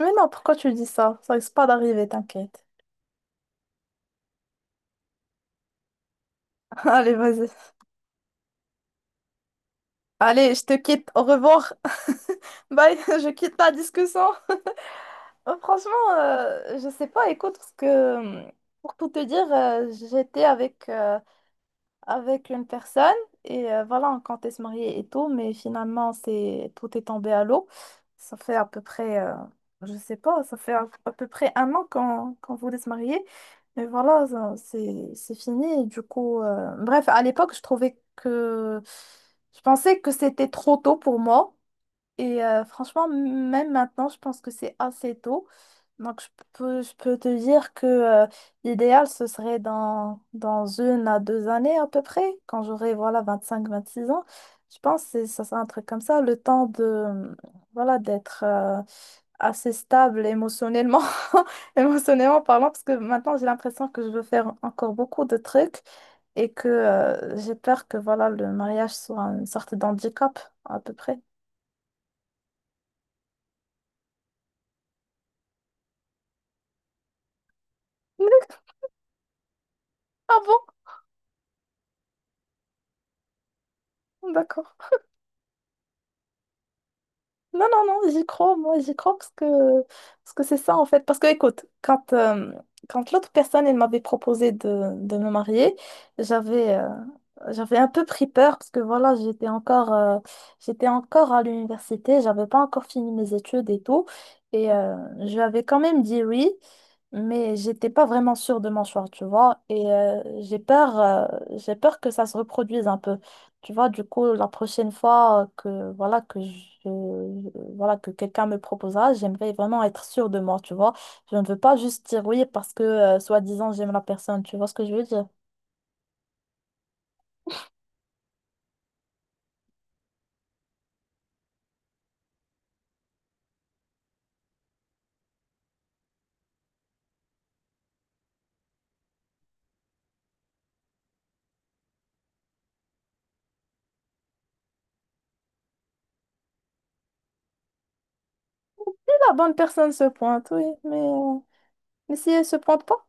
Mais non, pourquoi tu dis ça? Ça risque pas d'arriver, t'inquiète. Allez, vas-y. Allez, je te quitte. Au revoir. Bye, je quitte la discussion. Franchement, je sais pas, écoute, parce que euh, pour tout te dire, j'étais avec une personne et voilà, on comptait se marier et tout, mais finalement, c'est tout est tombé à l'eau. Ça fait à peu près, je sais pas, ça fait à peu près un an qu'on voulait se marier, mais voilà, c'est fini. Et du coup, bref, à l'époque, je pensais que c'était trop tôt pour moi. Et franchement, même maintenant, je pense que c'est assez tôt. Donc, je peux te dire que l'idéal, ce serait dans une à deux années à peu près, quand j'aurai, voilà, 25-26 ans. Je pense que ça sera un truc comme ça, le temps de, voilà, d'être assez stable émotionnellement. Émotionnellement parlant, parce que maintenant, j'ai l'impression que je veux faire encore beaucoup de trucs et que j'ai peur que, voilà, le mariage soit une sorte d'handicap à peu près. Ah bon? D'accord. Non, non, non, j'y crois, moi, j'y crois parce que c'est ça en fait. Parce que écoute, quand l'autre personne, elle m'avait proposé de me marier, j'avais euh, j'avais un peu pris peur parce que voilà, j'étais encore à l'université, j'avais pas encore fini mes études et tout. Et je lui avais quand même dit oui. Mais j'étais pas vraiment sûre de mon choix, tu vois. Et j'ai peur que ça se reproduise un peu. Tu vois, du coup, la prochaine fois que voilà voilà que quelqu'un me proposera, j'aimerais vraiment être sûre de moi, tu vois. Je ne veux pas juste dire oui parce que soi-disant j'aime la personne, tu vois ce que je veux dire. La bonne personne se pointe, oui, mais mais si elle se pointe pas.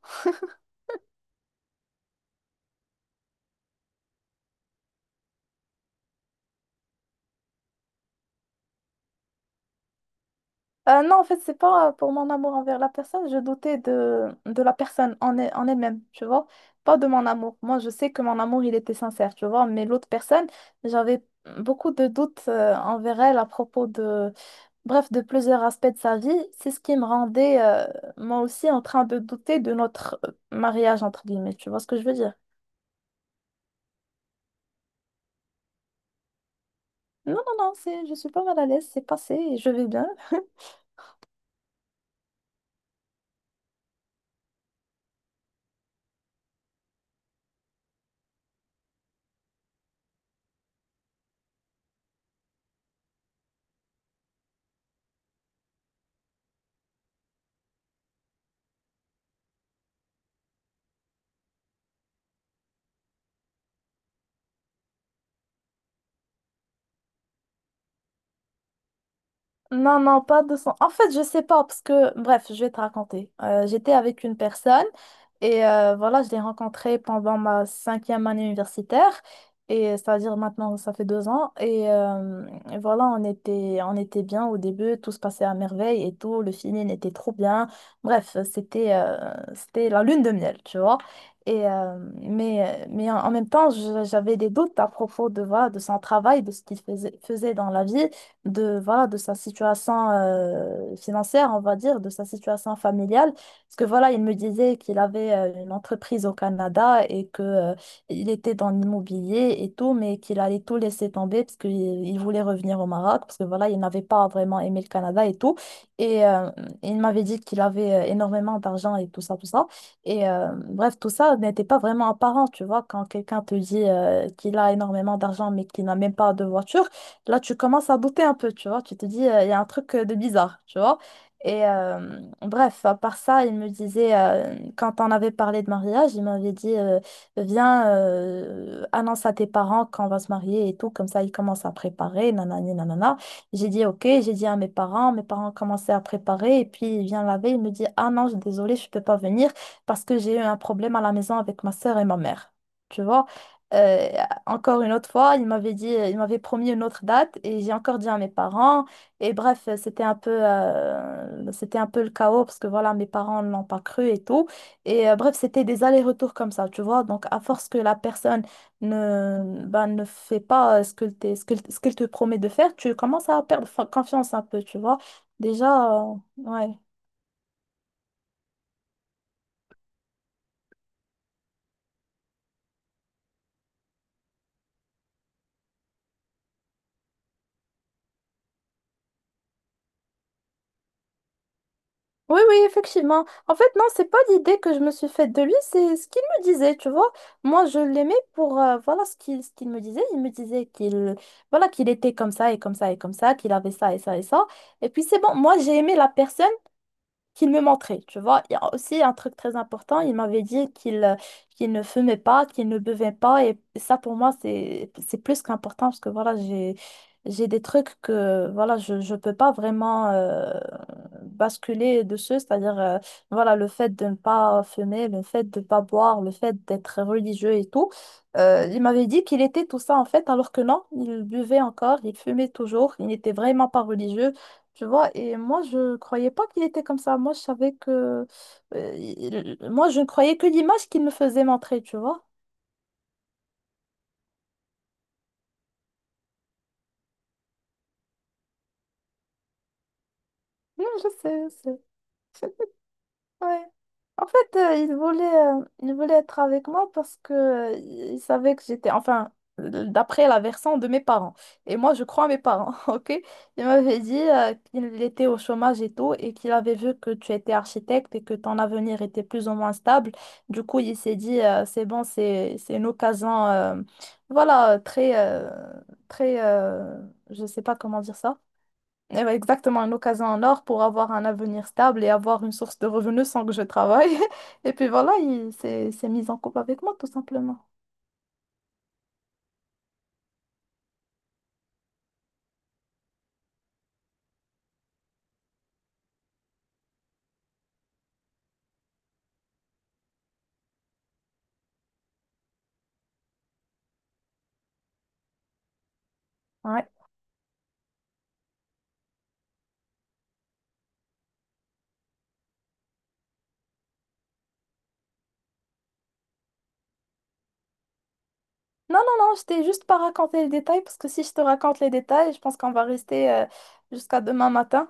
Non, en fait, c'est pas pour mon amour envers la personne, je doutais de la personne en elle-même, tu vois, pas de mon amour. Moi, je sais que mon amour, il était sincère, tu vois, mais l'autre personne, j'avais beaucoup de doutes envers elle à propos de, bref, de plusieurs aspects de sa vie. C'est ce qui me rendait, moi aussi, en train de douter de notre mariage, entre guillemets, tu vois ce que je veux dire? Non, non, non, je suis pas mal à l'aise, c'est passé et je vais bien. Non, non, pas de son. En fait, je sais pas, parce que, bref, je vais te raconter. J'étais avec une personne et voilà, je l'ai rencontrée pendant ma cinquième année universitaire. Et c'est-à-dire maintenant, ça fait 2 ans. Et voilà, on était bien au début, tout se passait à merveille et tout, le feeling était trop bien. Bref, c'était c'était la lune de miel, tu vois. Mais en même temps, j'avais des doutes à propos de, voilà, de son travail, de ce qu'il faisait dans la vie de, voilà, de sa situation financière, on va dire, de sa situation familiale. Parce que voilà, il me disait qu'il avait une entreprise au Canada et que il était dans l'immobilier et tout, mais qu'il allait tout laisser tomber parce qu'il voulait revenir au Maroc, parce que voilà, il n'avait pas vraiment aimé le Canada et tout. Et il m'avait dit qu'il avait énormément d'argent et tout ça, tout ça. Et bref, tout ça n'était pas vraiment apparent, tu vois, quand quelqu'un te dit qu'il a énormément d'argent mais qu'il n'a même pas de voiture là, tu commences à douter un peu, tu vois. Tu te dis, il y a un truc de bizarre, tu vois. Et bref, à part ça, il me disait, quand on avait parlé de mariage, il m'avait dit, viens, annonce à tes parents qu'on va se marier et tout. Comme ça, ils commencent à préparer, nanani, nanana. J'ai dit, ok, j'ai dit à mes parents commençaient à préparer. Et puis, il vient la veille, il me dit, ah non, désolée, je peux pas venir parce que j'ai eu un problème à la maison avec ma sœur et ma mère. Tu vois? Euh, Encore une autre fois, il m'avait promis une autre date et j'ai encore dit à mes parents. Et bref, c'était un peu le chaos parce que voilà, mes parents ne l'ont pas cru et tout. Et bref, c'était des allers-retours comme ça, tu vois. Donc, à force que la personne ne fait pas ce que t'es- ce que, ce qu'elle te promet de faire, tu commences à perdre confiance un peu, tu vois. Déjà, ouais. Oui, oui, effectivement. En fait, non, c'est pas l'idée que je me suis faite de lui, c'est ce qu'il me disait, tu vois. Moi, je l'aimais pour, voilà, ce qu'il me disait. Il me disait qu'il était comme ça et comme ça et comme ça, qu'il avait ça et ça et ça. Et puis, c'est bon. Moi, j'ai aimé la personne qu'il me montrait, tu vois. Il y a aussi un truc très important, il m'avait dit qu'il ne fumait pas, qu'il ne buvait pas, et ça pour moi c'est plus qu'important parce que voilà, j'ai des trucs que voilà, je peux pas vraiment basculer dessus, c'est-à-dire voilà, le fait de ne pas fumer, le fait de ne pas boire, le fait d'être religieux et tout. Il m'avait dit qu'il était tout ça en fait, alors que non, il buvait encore, il fumait toujours, il n'était vraiment pas religieux. Tu vois, et moi, je croyais pas qu'il était comme ça. Moi, je ne croyais que l'image qu'il me faisait montrer, tu vois. Non, je sais. Ouais. En fait, il voulait être avec moi parce que, il savait que j'étais, enfin, d'après la version de mes parents. Et moi, je crois à mes parents, ok? Il m'avait dit, qu'il était au chômage et tout, et qu'il avait vu que tu étais architecte et que ton avenir était plus ou moins stable. Du coup, il s'est dit, c'est bon, c'est une occasion, voilà, très, très, je sais pas comment dire ça. Eh ben, exactement, une occasion en or pour avoir un avenir stable et avoir une source de revenus sans que je travaille. Et puis voilà, il s'est mis en couple avec moi, tout simplement. Ouais. Non, non, non, je t'ai juste pas raconté les détails parce que si je te raconte les détails, je pense qu'on va rester jusqu'à demain matin.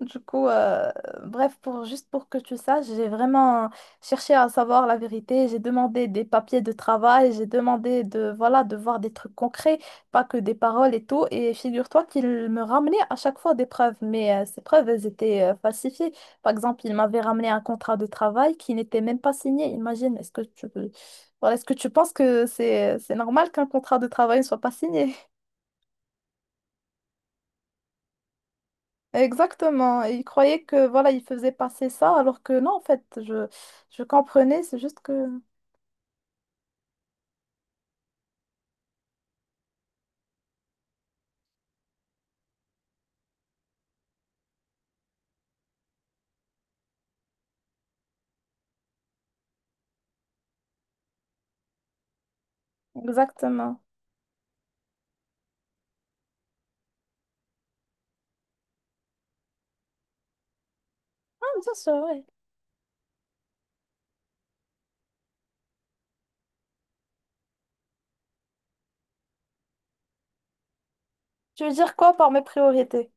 Du coup, bref, juste pour que tu saches, j'ai vraiment cherché à savoir la vérité. J'ai demandé des papiers de travail, j'ai demandé de, voilà, de voir des trucs concrets, pas que des paroles et tout. Et figure-toi qu'il me ramenait à chaque fois des preuves, mais ces preuves, elles étaient falsifiées. Par exemple, il m'avait ramené un contrat de travail qui n'était même pas signé. Imagine, est-ce que tu penses que c'est normal qu'un contrat de travail ne soit pas signé? Exactement. Et il croyait que voilà, il faisait passer ça, alors que non, en fait, je comprenais, c'est juste que. Exactement. Ah, bien sûr, oui. Tu veux dire quoi par mes priorités?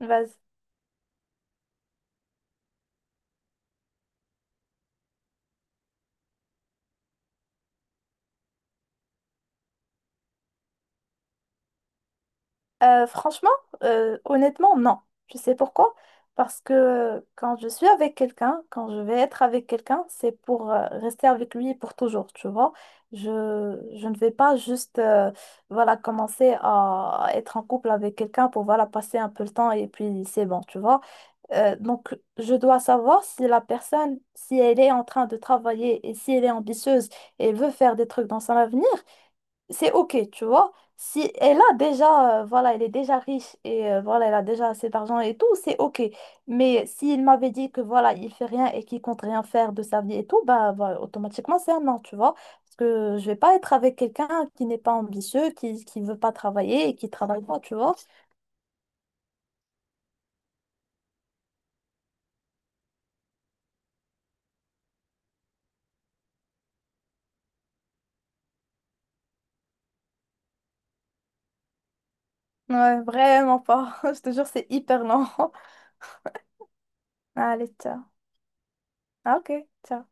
Vas-y. Franchement, honnêtement, non. Je sais pourquoi? Parce que quand je suis avec quelqu'un, quand je vais être avec quelqu'un, c'est pour rester avec lui pour toujours, tu vois. Je, je ne vais pas juste voilà, commencer à être en couple avec quelqu'un pour voilà, passer un peu le temps et puis c'est bon, tu vois. Donc, je dois savoir si la personne, si elle est en train de travailler et si elle est ambitieuse et veut faire des trucs dans son avenir, c'est OK, tu vois. Si elle a déjà, voilà, elle est déjà riche et voilà, elle a déjà assez d'argent et tout, c'est OK. Mais s'il m'avait dit que voilà, il fait rien et qu'il compte rien faire de sa vie et tout, bah, voilà, automatiquement, c'est un non, tu vois. Parce que je vais pas être avec quelqu'un qui n'est pas ambitieux, qui veut pas travailler et qui travaille pas, tu vois. Ouais, vraiment pas. Je te jure, c'est hyper lent. Ah, l'État. Ah, ok, ça